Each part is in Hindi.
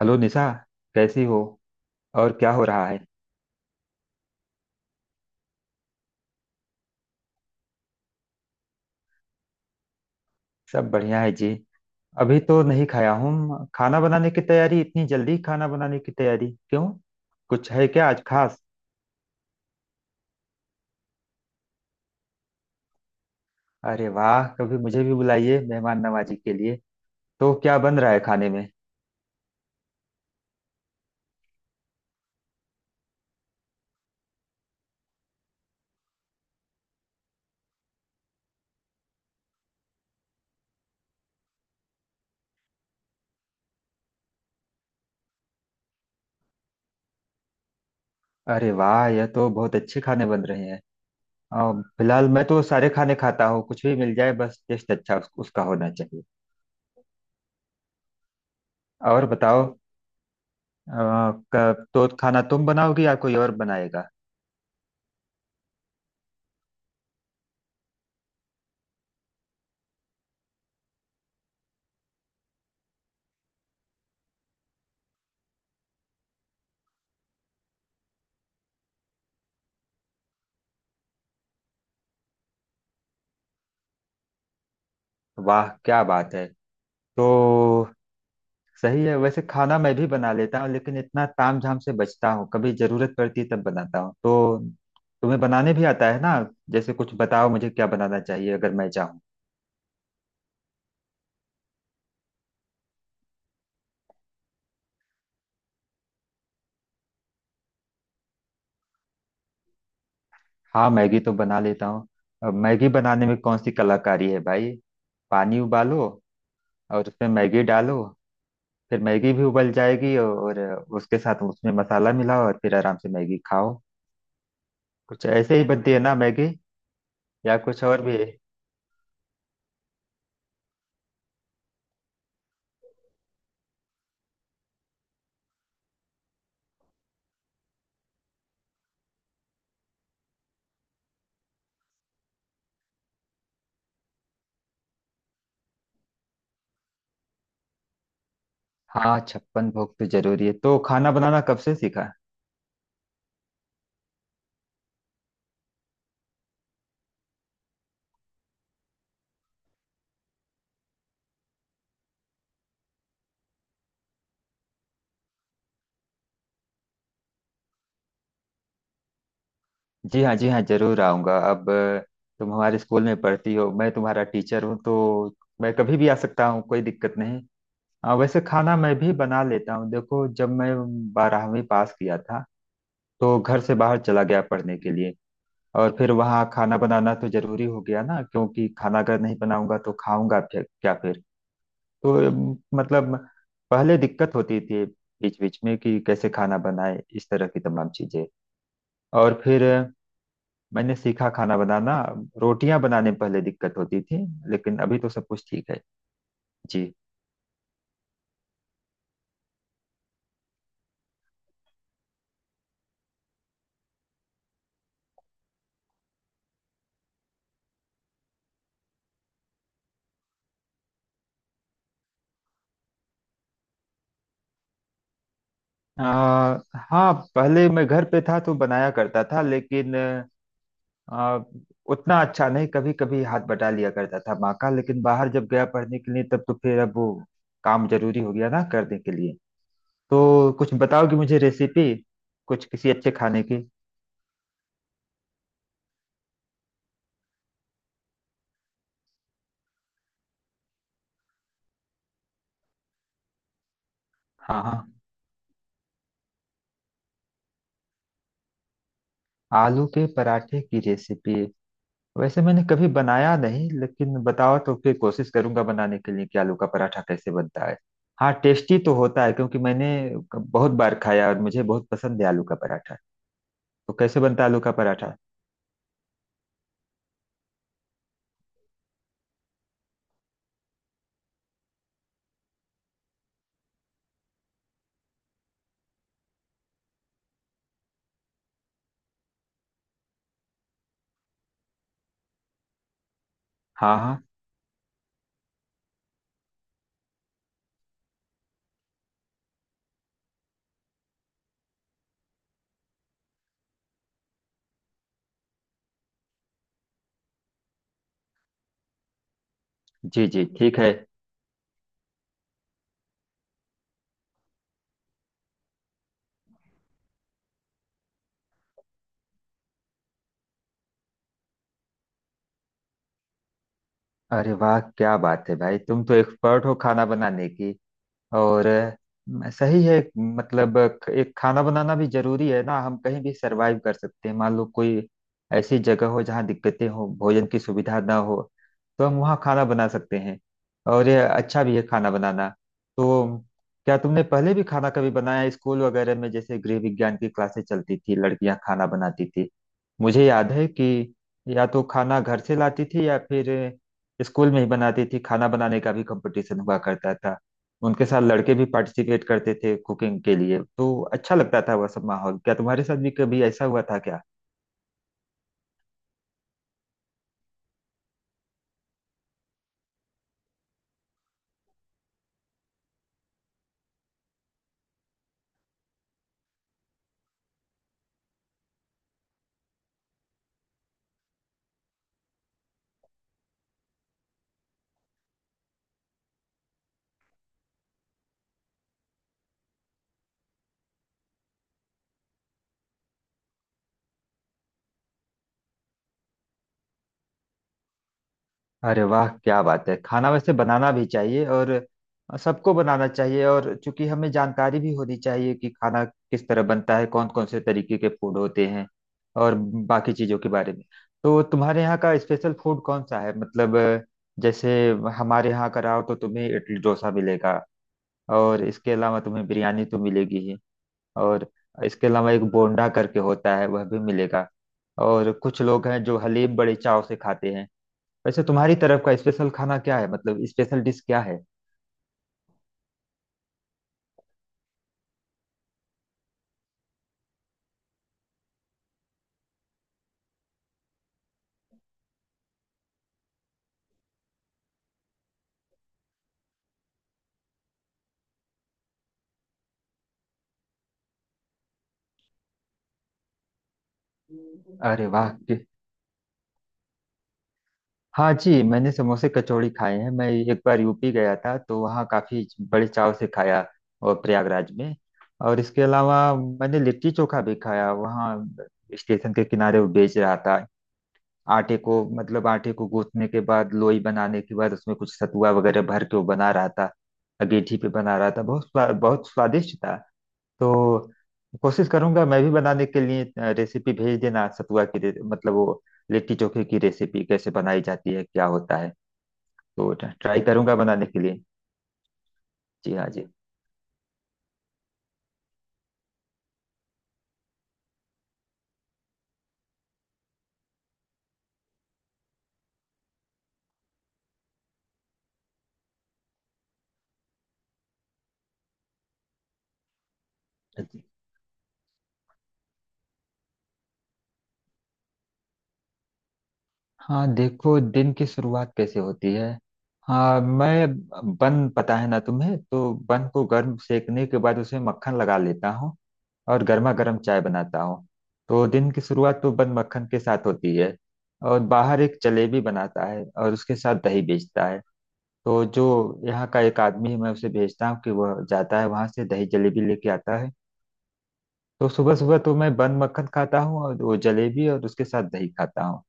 हेलो निशा। कैसी हो और क्या हो रहा है। सब बढ़िया है जी। अभी तो नहीं खाया हूँ। खाना बनाने की तैयारी, इतनी जल्दी खाना बनाने की तैयारी क्यों, कुछ है क्या आज खास। अरे वाह, कभी मुझे भी बुलाइए मेहमान नवाजी के लिए। तो क्या बन रहा है खाने में। अरे वाह, यह तो बहुत अच्छे खाने बन रहे हैं। और फिलहाल मैं तो सारे खाने खाता हूँ, कुछ भी मिल जाए, बस टेस्ट अच्छा उसका होना चाहिए। और बताओ। अ, तो खाना तुम बनाओगी या कोई और बनाएगा। वाह क्या बात है। तो सही है, वैसे खाना मैं भी बना लेता हूँ, लेकिन इतना ताम झाम से बचता हूँ, कभी जरूरत पड़ती है तब बनाता हूँ। तो तुम्हें बनाने भी आता है ना। जैसे कुछ बताओ मुझे क्या बनाना चाहिए अगर मैं चाहूँ। हाँ, मैगी तो बना लेता हूँ। अब मैगी बनाने में कौन सी कलाकारी है भाई। पानी उबालो और उसमें मैगी डालो, फिर मैगी भी उबल जाएगी, और उसके साथ उसमें मसाला मिलाओ और फिर आराम से मैगी खाओ। कुछ ऐसे ही बनती है ना मैगी, या कुछ और भी। हाँ, छप्पन भोग तो जरूरी है। तो खाना बनाना कब से सीखा। जी हाँ, जी हाँ, जरूर आऊंगा। तुम हमारे स्कूल में पढ़ती हो, मैं तुम्हारा टीचर हूँ, तो मैं कभी भी आ सकता हूँ, कोई दिक्कत नहीं। हाँ, वैसे खाना मैं भी बना लेता हूँ। देखो, जब मैं बारहवीं पास किया था तो घर से बाहर चला गया पढ़ने के लिए, और फिर वहाँ खाना बनाना तो जरूरी हो गया ना, क्योंकि खाना अगर नहीं बनाऊंगा तो खाऊंगा फिर क्या फिर। तो मतलब पहले दिक्कत होती थी, बीच बीच में कि कैसे खाना बनाए, इस तरह की तमाम चीजें। और फिर मैंने सीखा खाना बनाना। रोटियां बनाने में पहले दिक्कत होती थी, लेकिन अभी तो सब कुछ ठीक है जी। आ, हाँ पहले मैं घर पे था तो बनाया करता था, लेकिन आ, उतना अच्छा नहीं। कभी कभी हाथ बटा लिया करता था माँ का, लेकिन बाहर जब गया पढ़ने के लिए तब तो फिर अब वो काम जरूरी हो गया ना करने के लिए। तो कुछ बताओगे मुझे रेसिपी, कुछ किसी अच्छे खाने की। हाँ हाँ, आलू के पराठे की रेसिपी। वैसे मैंने कभी बनाया नहीं, लेकिन बताओ तो फिर कोशिश करूंगा बनाने के लिए कि आलू का पराठा कैसे बनता है। हाँ, टेस्टी तो होता है क्योंकि मैंने बहुत बार खाया और मुझे बहुत पसंद है आलू का पराठा। तो कैसे बनता है आलू का पराठा। हाँ हाँ। जी जी ठीक है। अरे वाह क्या बात है भाई, तुम तो एक्सपर्ट हो खाना बनाने की। और सही है। मतलब एक खाना बनाना भी जरूरी है ना, हम कहीं भी सरवाइव कर सकते हैं। मान लो कोई ऐसी जगह हो जहाँ दिक्कतें हो, भोजन की सुविधा ना हो, तो हम वहाँ खाना बना सकते हैं। और ये अच्छा भी है खाना बनाना। तो क्या तुमने पहले भी खाना कभी बनाया है? स्कूल वगैरह में जैसे गृह विज्ञान की क्लासेस चलती थी, लड़कियां खाना बनाती थी। मुझे याद है कि या तो खाना घर से लाती थी या फिर स्कूल में ही बनाती थी। खाना बनाने का भी कंपटीशन हुआ करता था, उनके साथ लड़के भी पार्टिसिपेट करते थे कुकिंग के लिए। तो अच्छा लगता था वह सब माहौल। क्या तुम्हारे साथ भी कभी ऐसा हुआ था क्या। अरे वाह क्या बात है। खाना वैसे बनाना भी चाहिए, और सबको बनाना चाहिए। और चूंकि हमें जानकारी भी होनी चाहिए कि खाना किस तरह बनता है, कौन कौन से तरीके के फूड होते हैं, और बाकी चीजों के बारे में। तो तुम्हारे यहाँ का स्पेशल फूड कौन सा है, मतलब जैसे हमारे यहाँ कराओ तो तुम्हें इडली डोसा मिलेगा, और इसके अलावा तुम्हें बिरयानी तो मिलेगी ही, और इसके अलावा एक बोंडा करके होता है वह भी मिलेगा, और कुछ लोग हैं जो हलीम बड़े चाव से खाते हैं। वैसे तुम्हारी तरफ का स्पेशल खाना क्या है, मतलब स्पेशल डिश क्या है। अरे वाह। हाँ जी, मैंने समोसे कचौड़ी खाए हैं। मैं एक बार यूपी गया था तो वहाँ काफी बड़े चाव से खाया, और प्रयागराज में। और इसके अलावा मैंने लिट्टी चोखा भी खाया वहाँ, स्टेशन के किनारे वो बेच रहा था। आटे को, मतलब आटे को गूंथने के बाद, लोई बनाने के बाद उसमें कुछ सतुआ वगैरह भर के वो बना रहा था। अगेठी पे बना रहा था, बहुत बहुत स्वादिष्ट था। तो कोशिश करूंगा मैं भी बनाने के लिए। रेसिपी भेज देना सतुआ की मतलब वो लिट्टी चोखे की रेसिपी, कैसे बनाई जाती है, क्या होता है। तो ट्राई करूंगा बनाने के लिए। जी हाँ। जी हाँ, देखो दिन की शुरुआत कैसे होती है। हाँ, मैं बन, पता है ना तुम्हें, तो बन को गर्म सेकने के बाद उसमें मक्खन लगा लेता हूँ, और गर्मा गर्म चाय बनाता हूँ। तो दिन की शुरुआत तो बन मक्खन के साथ होती है। और बाहर एक जलेबी बनाता है और उसके साथ दही बेचता है, तो जो यहाँ का एक आदमी है मैं उसे भेजता हूँ कि वह जाता है वहां से दही जलेबी लेके आता है। तो सुबह सुबह तो मैं बन मक्खन खाता हूँ और वो जलेबी और उसके साथ दही खाता हूँ,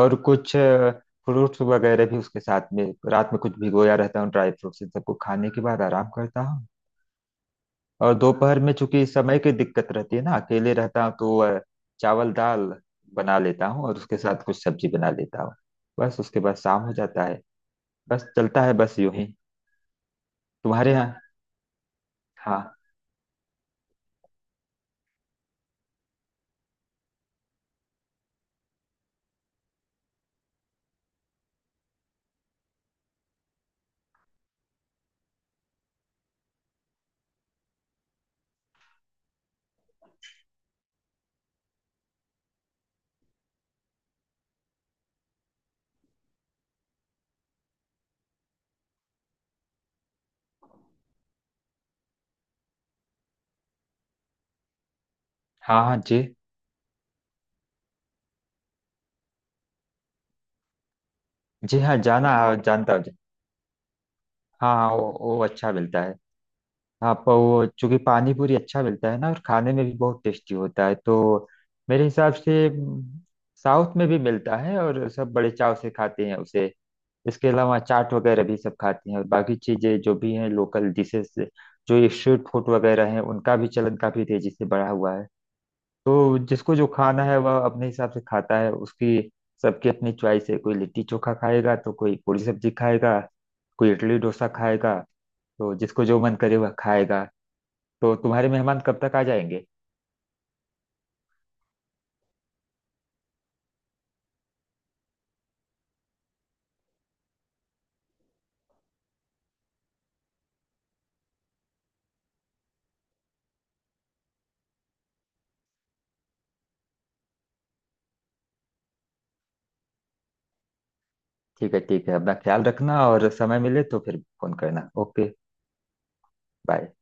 और कुछ फ्रूट्स वगैरह भी उसके साथ में। रात में कुछ भिगोया रहता हूँ ड्राई फ्रूट्स, इन सबको खाने के बाद आराम करता हूँ। और दोपहर में चूंकि समय की दिक्कत रहती है ना, अकेले रहता हूँ, तो चावल दाल बना लेता हूँ और उसके साथ कुछ सब्जी बना लेता हूँ। बस, उसके बाद शाम हो जाता है। बस चलता है बस यूं ही। तुम्हारे यहाँ। हाँ। हाँ। हाँ जी। जी हाँ, जाना, हाँ जानता हूँ जी। हाँ हाँ, वो अच्छा मिलता है। हाँ, पर वो चूंकि पानी पूरी अच्छा मिलता है ना, और खाने में भी बहुत टेस्टी होता है, तो मेरे हिसाब से साउथ में भी मिलता है, और सब बड़े चाव से खाते हैं उसे। इसके अलावा चाट वगैरह भी सब खाते हैं, और बाकी चीजें जो भी हैं लोकल डिशेस, जो ये स्ट्रीट फूड वगैरह हैं, उनका भी चलन काफी तेजी से बढ़ा हुआ है। तो जिसको जो खाना है वह अपने हिसाब से खाता है उसकी। सबकी अपनी चॉइस है, कोई लिट्टी चोखा खाएगा तो कोई पूरी सब्जी खाएगा, कोई इडली डोसा खाएगा। तो जिसको जो मन करे वह खाएगा। तो तुम्हारे मेहमान कब तक आ जाएंगे। ठीक है, ठीक है, अपना ख्याल रखना और समय मिले तो फिर फोन करना। Okay bye.